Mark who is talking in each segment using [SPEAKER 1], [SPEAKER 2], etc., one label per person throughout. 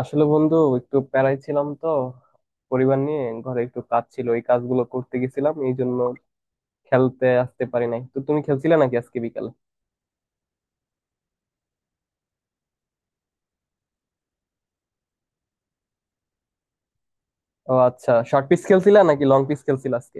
[SPEAKER 1] আসলে বন্ধু একটু প্যারায় ছিলাম তো, পরিবার নিয়ে ঘরে একটু কাজ ছিল, ওই কাজগুলো করতে গেছিলাম এই জন্য খেলতে আসতে পারি নাই। তো তুমি খেলছিলা নাকি আজকে বিকালে? ও আচ্ছা, শর্ট পিচ খেলছিলা নাকি লং পিচ খেলছিলা আজকে?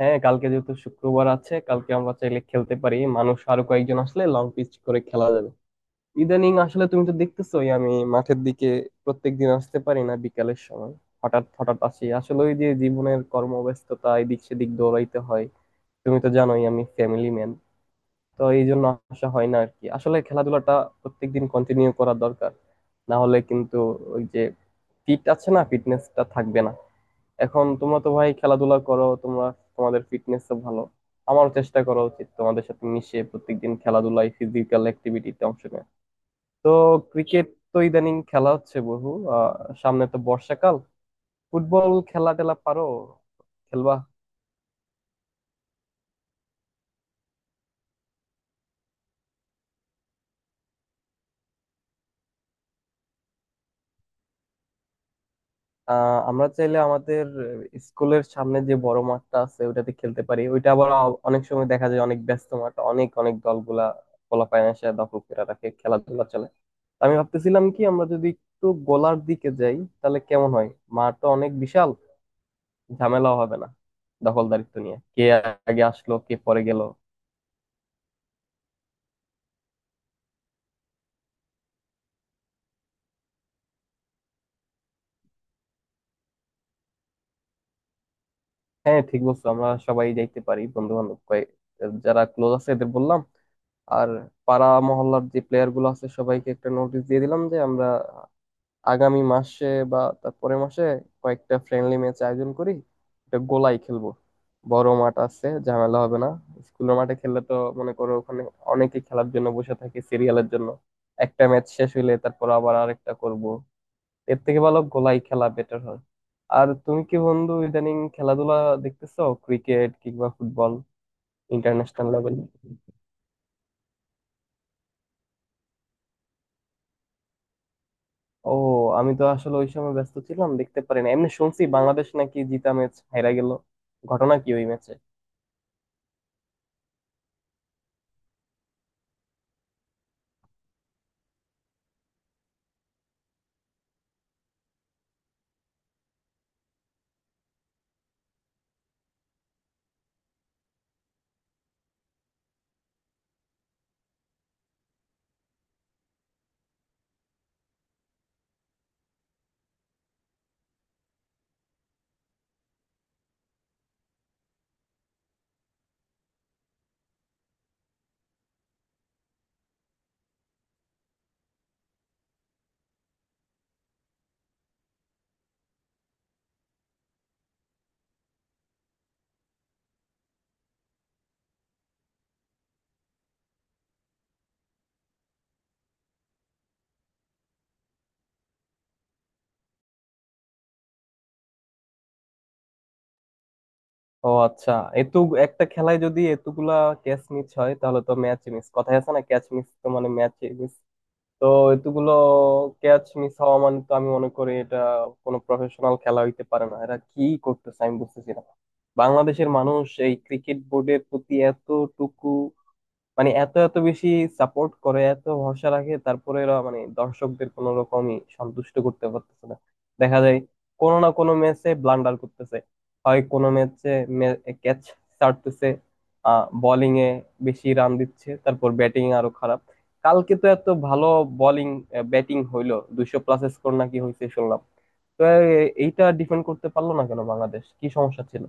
[SPEAKER 1] হ্যাঁ, কালকে যেহেতু শুক্রবার আছে, কালকে আমরা চাইলে খেলতে পারি। মানুষ আরো কয়েকজন আসলে লং পিচ করে খেলা যাবে। ইদানিং আসলে তুমি তো দেখতেছোই, আমি মাঠের দিকে প্রত্যেকদিন আসতে পারি না বিকালের সময়। হঠাৎ হঠাৎ আসি, আসলে ওই যে জীবনের কর্মব্যস্ততা, এদিক সেদিক দৌড়াইতে হয়। তুমি তো জানোই আমি ফ্যামিলি ম্যান, তো এই জন্য আসা হয় না আর কি। আসলে খেলাধুলাটা প্রত্যেকদিন কন্টিনিউ করা দরকার, না হলে কিন্তু ওই যে ফিট আছে না, ফিটনেসটা থাকবে না। এখন তোমরা তো ভাই খেলাধুলা করো, তোমরা তোমাদের ফিটনেস ভালো। আমারও চেষ্টা করা উচিত তোমাদের সাথে মিশে প্রত্যেকদিন খেলাধুলায় ফিজিক্যাল অ্যাক্টিভিটিতে অংশ নেয়। তো ক্রিকেট তো ইদানিং খেলা হচ্ছে বহু। আহ সামনে তো বর্ষাকাল, ফুটবল খেলা টেলা পারো? খেলবা? আমরা চাইলে আমাদের স্কুলের সামনে যে বড় মাঠটা আছে ওইটাতে খেলতে পারি। ওইটা আবার অনেক সময় দেখা যায় অনেক ব্যস্ত মাঠ, অনেক অনেক দলগুলা পোলাপাইন এসে দখল করে রাখে, খেলাধুলা চলে। আমি ভাবতেছিলাম কি, আমরা যদি একটু গোলার দিকে যাই তাহলে কেমন হয়? মাঠটা অনেক বিশাল, ঝামেলাও হবে না দখলদারিত্ব নিয়ে, কে আগে আসলো কে পরে গেল। হ্যাঁ ঠিক বলছো, আমরা সবাই যাইতে পারি। বন্ধু বান্ধব কয়েক, যারা ক্লোজ আছে এদের বললাম, আর পাড়া মহল্লার যে প্লেয়ার গুলো আছে সবাইকে একটা নোটিশ দিয়ে দিলাম যে আমরা আগামী মাসে বা তারপরের মাসে কয়েকটা ফ্রেন্ডলি ম্যাচ আয়োজন করি। একটা গোলাই খেলবো, বড় মাঠ আছে ঝামেলা হবে না। স্কুলের মাঠে খেললে তো মনে করো ওখানে অনেকে খেলার জন্য বসে থাকে সিরিয়ালের জন্য, একটা ম্যাচ শেষ হইলে তারপর আবার আরেকটা করব। এর থেকে ভালো গোলাই খেলা বেটার হয়। আর তুমি কি বন্ধু ইদানিং খেলাধুলা দেখতেছো, ক্রিকেট কিংবা ফুটবল? International level. ও, আমি তো আসলে ওই সময় ব্যস্ত ছিলাম দেখতে পারিনি, এমনি শুনছি বাংলাদেশ নাকি জিতা ম্যাচ হেরা গেল। ঘটনা কি ওই ম্যাচে? ও আচ্ছা, এত, একটা খেলায় যদি এতগুলা ক্যাচ মিস হয় তাহলে তো ম্যাচ মিস। কথায় আছে না, ক্যাচ মিস তো মানে ম্যাচ মিস। তো এতগুলো ক্যাচ মিস হওয়া মানে তো আমি মনে করি এটা কোনো প্রফেশনাল খেলা হইতে পারে না। এরা কি করতেছে আমি বুঝতেছি না। বাংলাদেশের মানুষ এই ক্রিকেট বোর্ডের প্রতি এতটুকু মানে এত এত বেশি সাপোর্ট করে, এত ভরসা রাখে, তারপরে এরা মানে দর্শকদের কোনো রকমই সন্তুষ্ট করতে পারতেছে না। দেখা যায় কোনো না কোনো ম্যাচে ব্লান্ডার করতেছে, হয় কোনো ম্যাচে ক্যাচ ছাড়তেছে, বোলিং এ বেশি রান দিচ্ছে, তারপর ব্যাটিং আরো খারাপ। কালকে তো এত ভালো বোলিং ব্যাটিং হইলো, 200 প্লাস স্কোর নাকি হয়েছে শুনলাম, তো এইটা ডিফেন্ড করতে পারলো না কেন বাংলাদেশ? কি সমস্যা ছিল?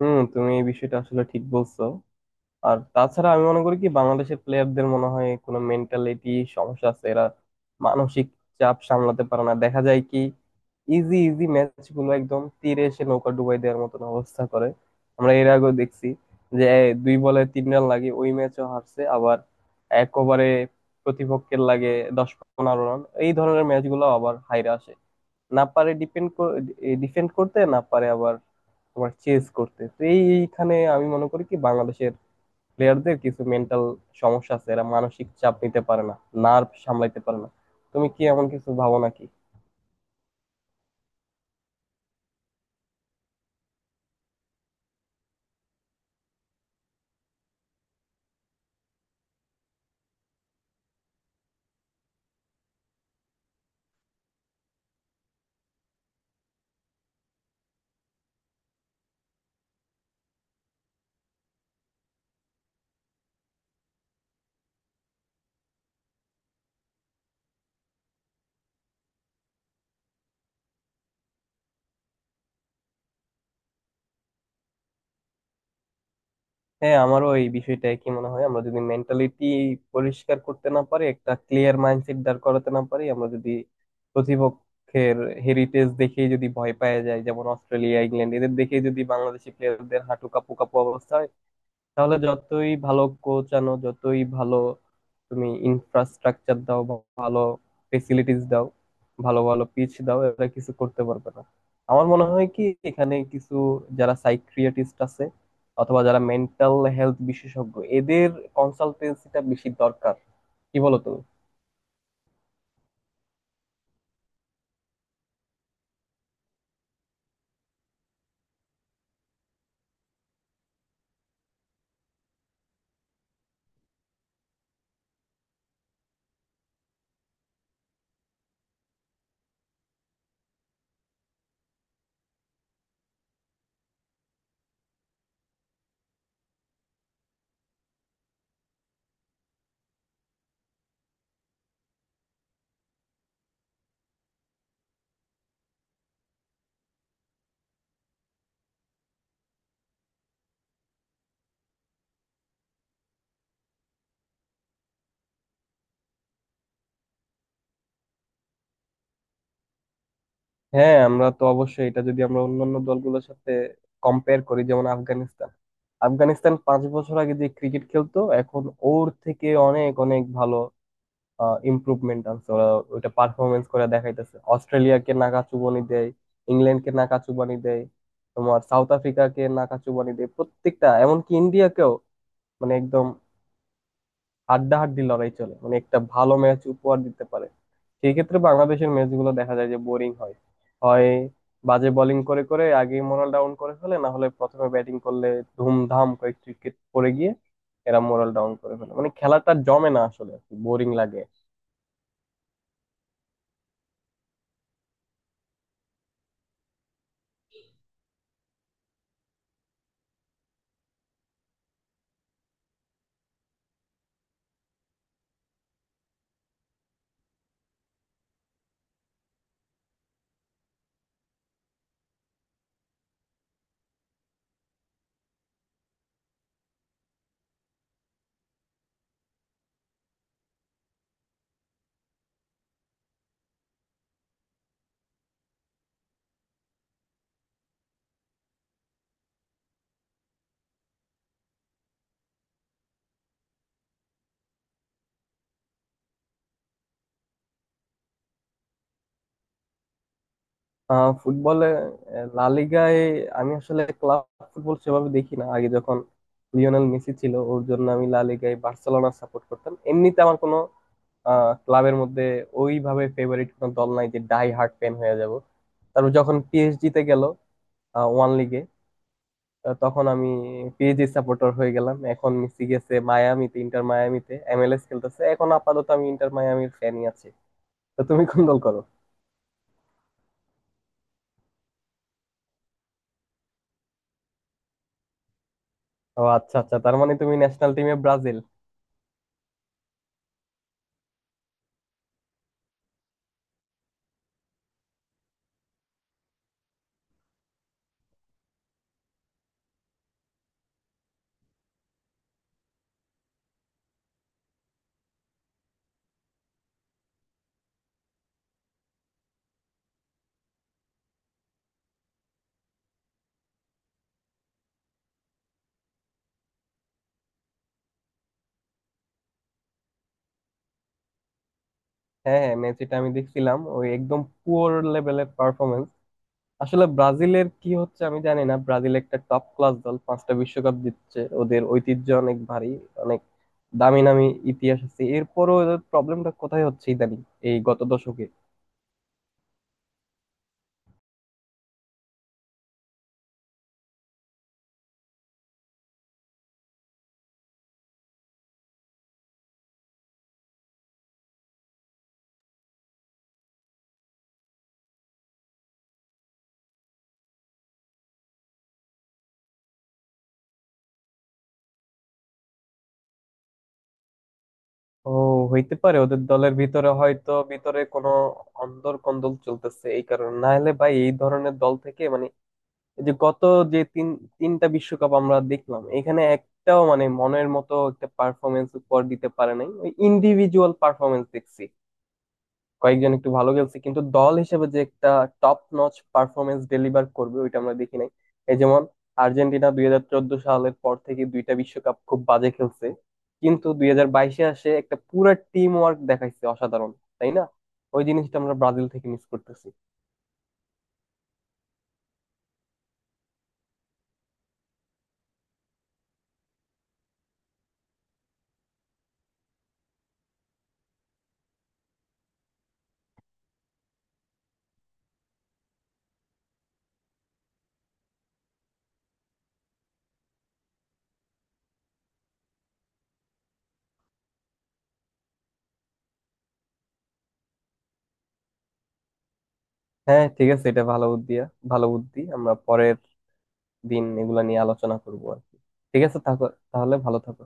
[SPEAKER 1] হুম, তুমি এই বিষয়টা আসলে ঠিক বলছো। আর তাছাড়া আমি মনে করি কি, বাংলাদেশের প্লেয়ারদের মনে হয় কোনো মেন্টালিটি সমস্যা আছে, এরা মানসিক চাপ সামলাতে পারে না। দেখা যায় কি ইজি ইজি ম্যাচ গুলো একদম তীরে এসে নৌকা ডুবাই দেওয়ার মতন অবস্থা করে। আমরা এর আগেও দেখছি যে 2 বলে 3 রান লাগে, ওই ম্যাচও হারছে। আবার এক ওভারে প্রতিপক্ষের লাগে 10-15 রান, এই ধরনের ম্যাচগুলো আবার হাইরা আসে। না পারে ডিফেন্ড করতে, না পারে আবার তোমার চেস করতে। তো এইখানে আমি মনে করি কি বাংলাদেশের প্লেয়ারদের কিছু মেন্টাল সমস্যা আছে, এরা মানসিক চাপ নিতে পারে না, নার্ভ সামলাইতে পারে না। তুমি কি এমন কিছু ভাবো নাকি? হ্যাঁ, আমারও এই বিষয়টা কি মনে হয়, আমরা যদি মেন্টালিটি পরিষ্কার করতে না পারি, একটা ক্লিয়ার মাইন্ডসেট দাঁড় করাতে না পারি, আমরা যদি প্রতিপক্ষের হেরিটেজ দেখেই যদি ভয় পাওয়া যায়, যেমন অস্ট্রেলিয়া ইংল্যান্ড এদের দেখেই যদি বাংলাদেশি প্লেয়ারদের হাঁটু কাঁপু কাঁপু অবস্থা হয়, তাহলে যতই ভালো কোচ আনো, যতই ভালো তুমি ইনফ্রাস্ট্রাকচার দাও বা ভালো ফেসিলিটিস দাও, ভালো ভালো পিচ দাও, এরা কিছু করতে পারবে না। আমার মনে হয় কি, এখানে কিছু যারা সাইকিয়াট্রিস্ট আছে অথবা যারা মেন্টাল হেলথ বিশেষজ্ঞ এদের কনসালটেন্সিটা বেশি দরকার। কি বলো তুমি? হ্যাঁ আমরা তো অবশ্যই, এটা যদি আমরা অন্যান্য দলগুলোর সাথে কম্পেয়ার করি, যেমন আফগানিস্তান, আফগানিস্তান 5 বছর আগে যে ক্রিকেট খেলতো এখন ওর থেকে অনেক অনেক ভালো ইমপ্রুভমেন্ট আনছে ওরা। ওইটা পারফরমেন্স করে দেখাইতেছে, অস্ট্রেলিয়াকে নাকা চুবানি দেয়, ইংল্যান্ডকে নাকা চুবানি দেয়, তোমার সাউথ আফ্রিকাকে নাকা চুবানি দেয় প্রত্যেকটা, এমনকি ইন্ডিয়াকেও মানে একদম হাড্ডাহাড্ডি লড়াই চলে, মানে একটা ভালো ম্যাচ উপহার দিতে পারে। সেই ক্ষেত্রে বাংলাদেশের ম্যাচগুলো দেখা যায় যে বোরিং হয়। হয় বাজে বোলিং করে করে আগেই মোরাল ডাউন করে ফেলে, না হলে প্রথমে ব্যাটিং করলে ধুমধাম কয়েক উইকেট পড়ে গিয়ে এরা মোরাল ডাউন করে ফেলে, মানে খেলাটা জমে না আসলে, বোরিং লাগে। ফুটবলে, লা লিগায় আমি আসলে ক্লাব ফুটবল সেভাবে দেখি না। আগে যখন লিওনেল মেসি ছিল ওর জন্য আমি লা লিগায় বার্সেলোনা সাপোর্ট করতাম, এমনিতে আমার কোনো ক্লাবের মধ্যে ওইভাবে ফেভারিট কোনো দল নাই যে ডাই হার্ট ফ্যান হয়ে যাব। তারপর যখন পিএসজি তে গেল ওয়ান লিগে, তখন আমি পিএসজি সাপোর্টার হয়ে গেলাম। এখন মেসি গেছে মায়ামিতে, ইন্টার মায়ামিতে এমএলএস খেলতেছে, এখন আপাতত আমি ইন্টার মায়ামির ফ্যানই আছি। তো তুমি কোন দল করো? ও আচ্ছা আচ্ছা, তার মানে তুমি ন্যাশনাল টিমে ব্রাজিল? হ্যাঁ হ্যাঁ, মেসিটা আমি দেখছিলাম ওই একদম পুয়ার লেভেলের পারফরমেন্স। আসলে ব্রাজিলের কি হচ্ছে আমি জানি না, ব্রাজিল একটা টপ ক্লাস দল, পাঁচটা বিশ্বকাপ জিতছে, ওদের ঐতিহ্য অনেক ভারী, অনেক দামি নামি ইতিহাস আছে, এরপরও ওদের প্রবলেমটা কোথায় হচ্ছে ইদানিং এই গত দশকে? ও, হইতে পারে ওদের দলের ভিতরে হয়তো ভিতরে কোনো অন্দর কন্দল চলতেছে এই কারণে, না হলে ভাই এই ধরনের দল থেকে মানে, এই যে গত যে তিনটা বিশ্বকাপ আমরা দেখলাম এখানে একটাও মানে মনের মতো একটা পারফরমেন্স উপহার দিতে পারে নাই। ওই ইন্ডিভিজুয়াল পারফরমেন্স দেখছি, কয়েকজন একটু ভালো খেলছে কিন্তু দল হিসেবে যে একটা টপ নচ পারফরমেন্স ডেলিভার করবে ওইটা আমরা দেখি নাই। এই যেমন আর্জেন্টিনা 2014 সালের পর থেকে দুইটা বিশ্বকাপ খুব বাজে খেলছে, কিন্তু 2022-এ আসে একটা পুরা টিম ওয়ার্ক দেখাইছে অসাধারণ, তাই না? ওই জিনিসটা আমরা ব্রাজিল থেকে মিস করতেছি। হ্যাঁ ঠিক আছে, এটা ভালো বুদ্ধি, ভালো বুদ্ধি। আমরা পরের দিন এগুলা নিয়ে আলোচনা করবো আর কি। ঠিক আছে, থাকো তাহলে, ভালো থাকো।